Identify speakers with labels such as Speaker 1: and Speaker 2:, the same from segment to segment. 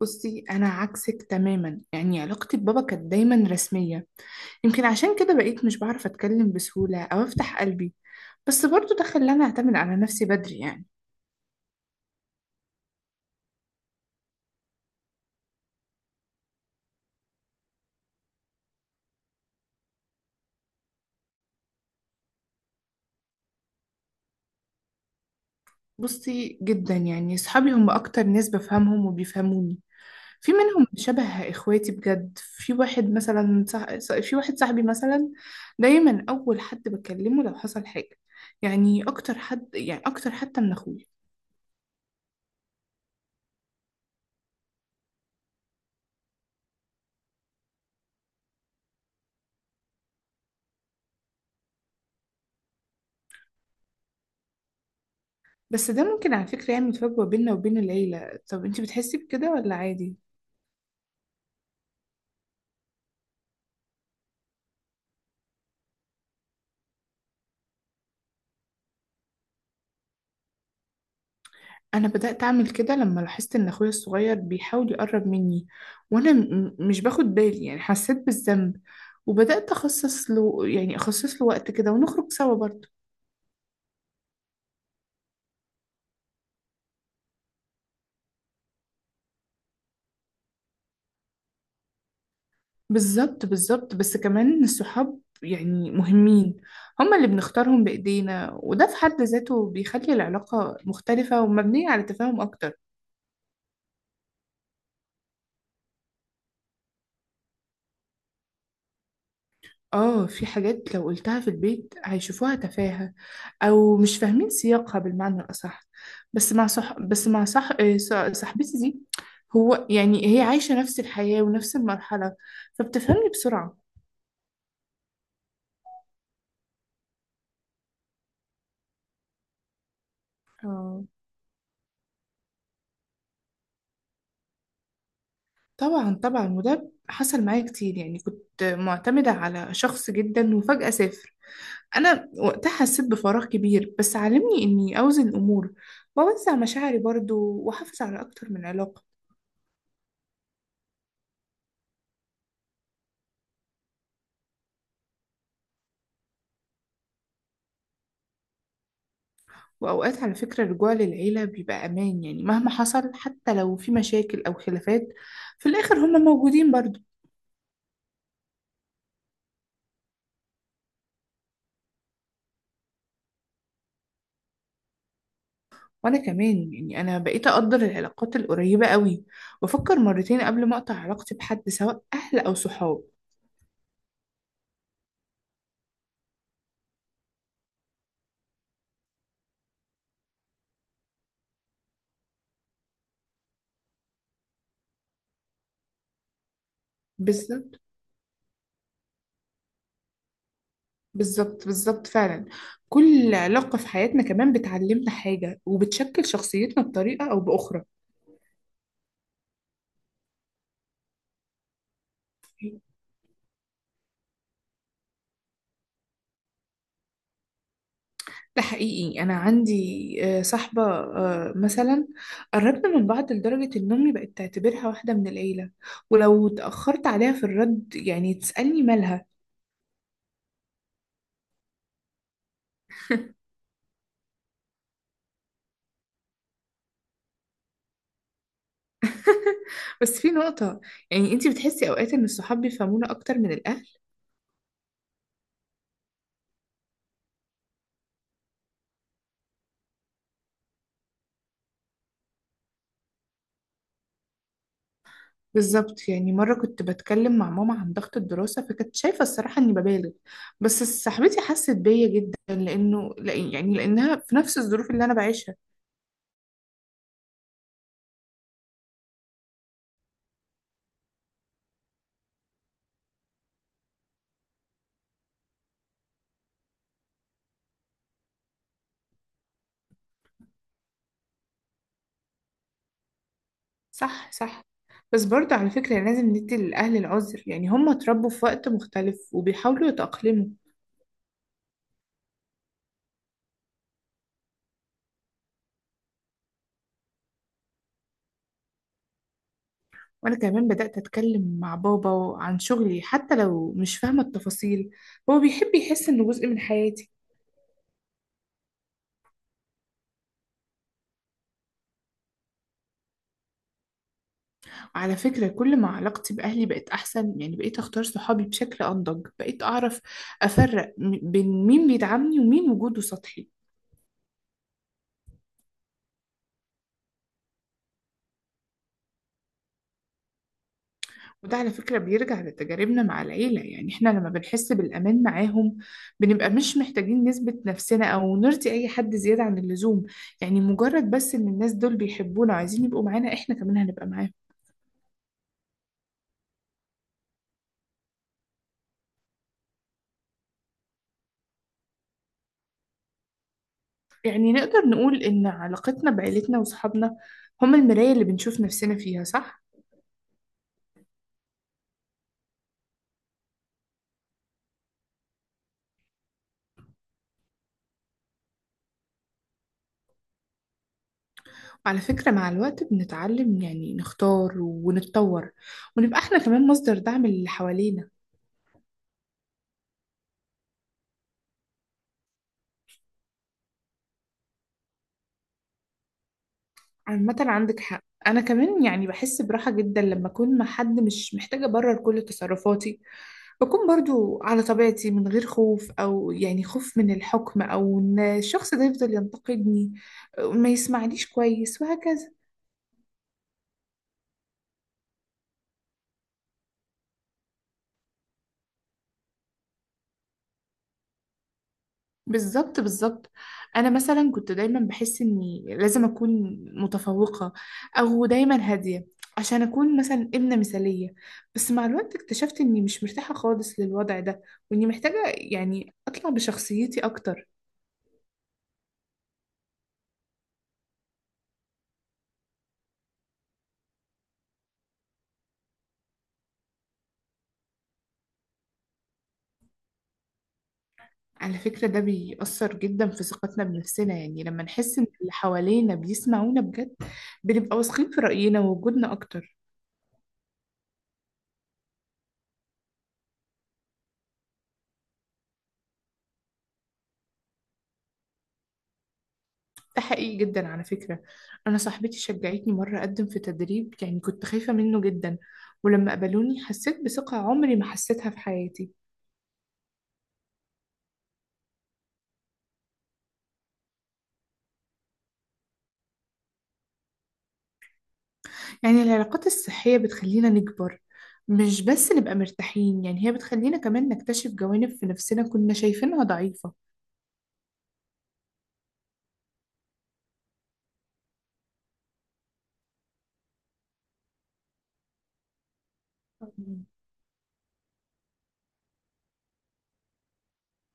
Speaker 1: بصي، انا عكسك تماما. يعني علاقتي ببابا كانت دايما رسميه. يمكن عشان كده بقيت مش بعرف اتكلم بسهوله او افتح قلبي. بس برضو ده خلاني اعتمد على نفسي بدري يعني. بصي، جدا يعني. صحابي هم اكتر ناس بفهمهم وبيفهموني. في منهم شبه اخواتي بجد. في واحد صاحبي مثلا، دايما اول حد بكلمه لو حصل حاجه. يعني اكتر حد يعني اكتر، حتى من اخويا. بس ده ممكن على فكرة يعمل فجوة بيننا وبين العيلة. طب انتي بتحسي بكده ولا عادي؟ أنا بدأت أعمل كده لما لاحظت إن أخويا الصغير بيحاول يقرب مني وأنا مش باخد بالي، يعني حسيت بالذنب، وبدأت أخصص له وقت كده ونخرج سوا برضه. بالظبط، بالظبط. بس كمان الصحاب يعني مهمين. هما اللي بنختارهم بإيدينا، وده في حد ذاته بيخلي العلاقة مختلفة ومبنية على تفاهم أكتر. اه، في حاجات لو قلتها في البيت هيشوفوها تفاهة او مش فاهمين سياقها بالمعنى الاصح. بس مع صح بس مع صح آه، ص- صاحبتي دي، هو يعني هي عايشة نفس الحياة ونفس المرحلة، فبتفهمني بسرعة. آه، طبعا، طبعا. وده حصل معايا كتير، يعني كنت معتمدة على شخص جدا وفجأة سافر. انا وقتها حسيت بفراغ كبير، بس علمني اني اوزن الامور واوزع مشاعري برضو واحافظ على اكتر من علاقة. وأوقات على فكرة الرجوع للعيلة بيبقى أمان، يعني مهما حصل، حتى لو في مشاكل أو خلافات، في الآخر هما موجودين برضو. وأنا كمان، يعني أنا بقيت أقدر العلاقات القريبة قوي وأفكر مرتين قبل ما أقطع علاقتي بحد، سواء أهل أو صحاب. بالظبط، بالظبط، بالظبط، فعلا. كل علاقة في حياتنا كمان بتعلمنا حاجة وبتشكل شخصيتنا بطريقة أو بأخرى. ده حقيقي، أنا عندي صاحبة مثلا، قربنا من بعض لدرجة إن أمي بقت تعتبرها واحدة من العيلة، ولو اتأخرت عليها في الرد يعني تسألني مالها. بس في نقطة، يعني أنتي بتحسي أوقات إن الصحاب بيفهمونا أكتر من الأهل؟ بالظبط، يعني مرة كنت بتكلم مع ماما عن ضغط الدراسة، فكانت شايفة الصراحة إني ببالغ، بس صاحبتي حست بيا جدا، لأنها في نفس الظروف اللي أنا بعيشها. صح، صح. بس برضه على فكرة لازم ندي للأهل العذر، يعني هم اتربوا في وقت مختلف وبيحاولوا يتأقلموا. وأنا كمان بدأت أتكلم مع بابا عن شغلي حتى لو مش فاهمة التفاصيل، هو بيحب يحس إنه جزء من حياتي. وعلى فكرة كل ما علاقتي بأهلي بقت أحسن، يعني بقيت أختار صحابي بشكل أنضج، بقيت أعرف أفرق بين مين بيدعمني ومين وجوده سطحي. وده على فكرة بيرجع لتجاربنا مع العيلة، يعني احنا لما بنحس بالأمان معاهم بنبقى مش محتاجين نثبت نفسنا أو نرضي أي حد زيادة عن اللزوم. يعني مجرد بس إن الناس دول بيحبونا وعايزين يبقوا معانا، احنا كمان هنبقى معاهم. يعني نقدر نقول إن علاقتنا بعيلتنا وصحابنا هم المراية اللي بنشوف نفسنا فيها، صح؟ على فكرة مع الوقت بنتعلم يعني نختار ونتطور ونبقى احنا كمان مصدر دعم للي حوالينا. عامة عندك حق. أنا كمان يعني بحس براحة جدا لما أكون مع حد مش محتاجة أبرر كل تصرفاتي، بكون برضو على طبيعتي من غير خوف، أو يعني خوف من الحكم أو إن الشخص ده يفضل ينتقدني، ما يسمعنيش كويس، وهكذا. بالظبط، بالظبط. انا مثلا كنت دايما بحس اني لازم اكون متفوقه او دايما هاديه، عشان اكون مثلا ابنه مثاليه، بس مع الوقت اكتشفت اني مش مرتاحه خالص للوضع ده، واني محتاجه يعني اطلع بشخصيتي اكتر. على فكره ده بيأثر جدا في ثقتنا بنفسنا، يعني لما نحس ان اللي حوالينا بيسمعونا بجد بنبقى واثقين في رأينا ووجودنا اكتر. ده حقيقي جدا على فكرة. أنا صاحبتي شجعتني مرة أقدم في تدريب، يعني كنت خايفة منه جدا، ولما قبلوني حسيت بثقة عمري ما حسيتها في حياتي. يعني العلاقات الصحية بتخلينا نكبر، مش بس نبقى مرتاحين، يعني هي بتخلينا كمان نكتشف جوانب في نفسنا كنا شايفينها ضعيفة.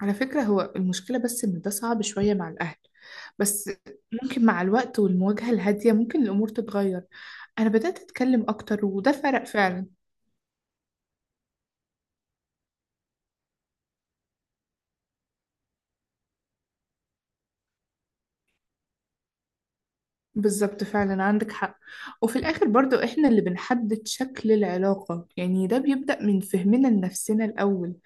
Speaker 1: على فكرة هو المشكلة بس إن ده صعب شوية مع الأهل، بس ممكن مع الوقت والمواجهة الهادية ممكن الأمور تتغير. أنا بدأت أتكلم أكتر وده فرق فعلا. بالظبط، فعلا عندك حق. وفي الآخر برضو إحنا اللي بنحدد شكل العلاقة، يعني ده بيبدأ من فهمنا لنفسنا الأول.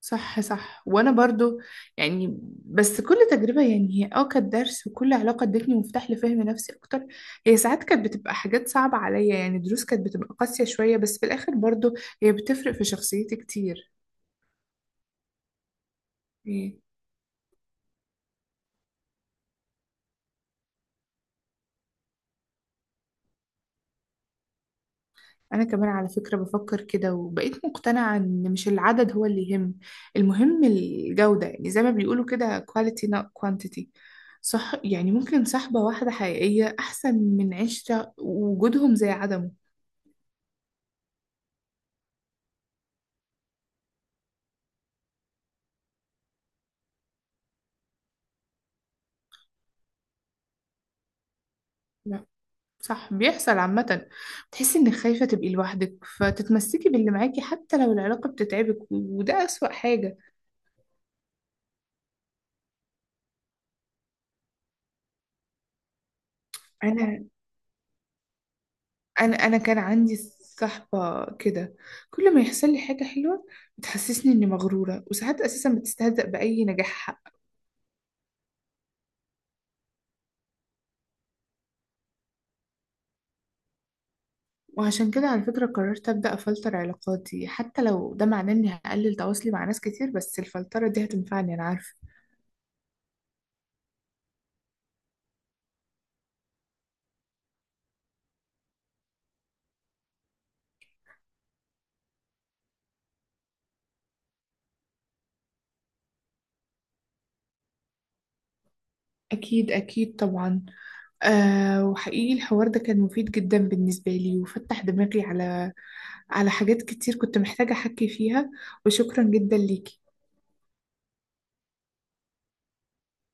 Speaker 1: صح، صح. وأنا برضو، يعني بس كل تجربة يعني هي كانت درس، وكل علاقة ادتني مفتاح لفهم نفسي أكتر. هي ساعات كانت بتبقى حاجات صعبة عليا، يعني دروس كانت بتبقى قاسية شوية، بس في الآخر برضو هي بتفرق في شخصيتي كتير. يعني أنا كمان على فكرة بفكر كده، وبقيت مقتنعة إن مش العدد هو اللي يهم، المهم الجودة. يعني زي ما بيقولوا كده quality not quantity. صح، يعني ممكن صحبة واحدة حقيقية أحسن من 10 وجودهم زي عدمه. لا، صح، بيحصل عامة. بتحسي إنك خايفة تبقي لوحدك فتتمسكي باللي معاكي حتى لو العلاقة بتتعبك، وده أسوأ حاجة. أنا انا انا كان عندي صحبة كده، كل ما يحصل لي حاجة حلوة بتحسسني اني مغرورة، وساعات اساسا بتستهزأ بأي نجاح حق. وعشان كده على فكرة قررت أبدأ أفلتر علاقاتي، حتى لو ده معناه إني هقلل تواصلي مع ناس كتير، بس الفلترة دي هتنفعني، أنا عارفة. أكيد، أكيد، طبعا. أه، وحقيقي الحوار ده كان مفيد جدا بالنسبة لي، وفتح دماغي على حاجات كتير كنت محتاجة أحكي فيها. وشكرا جدا ليكي.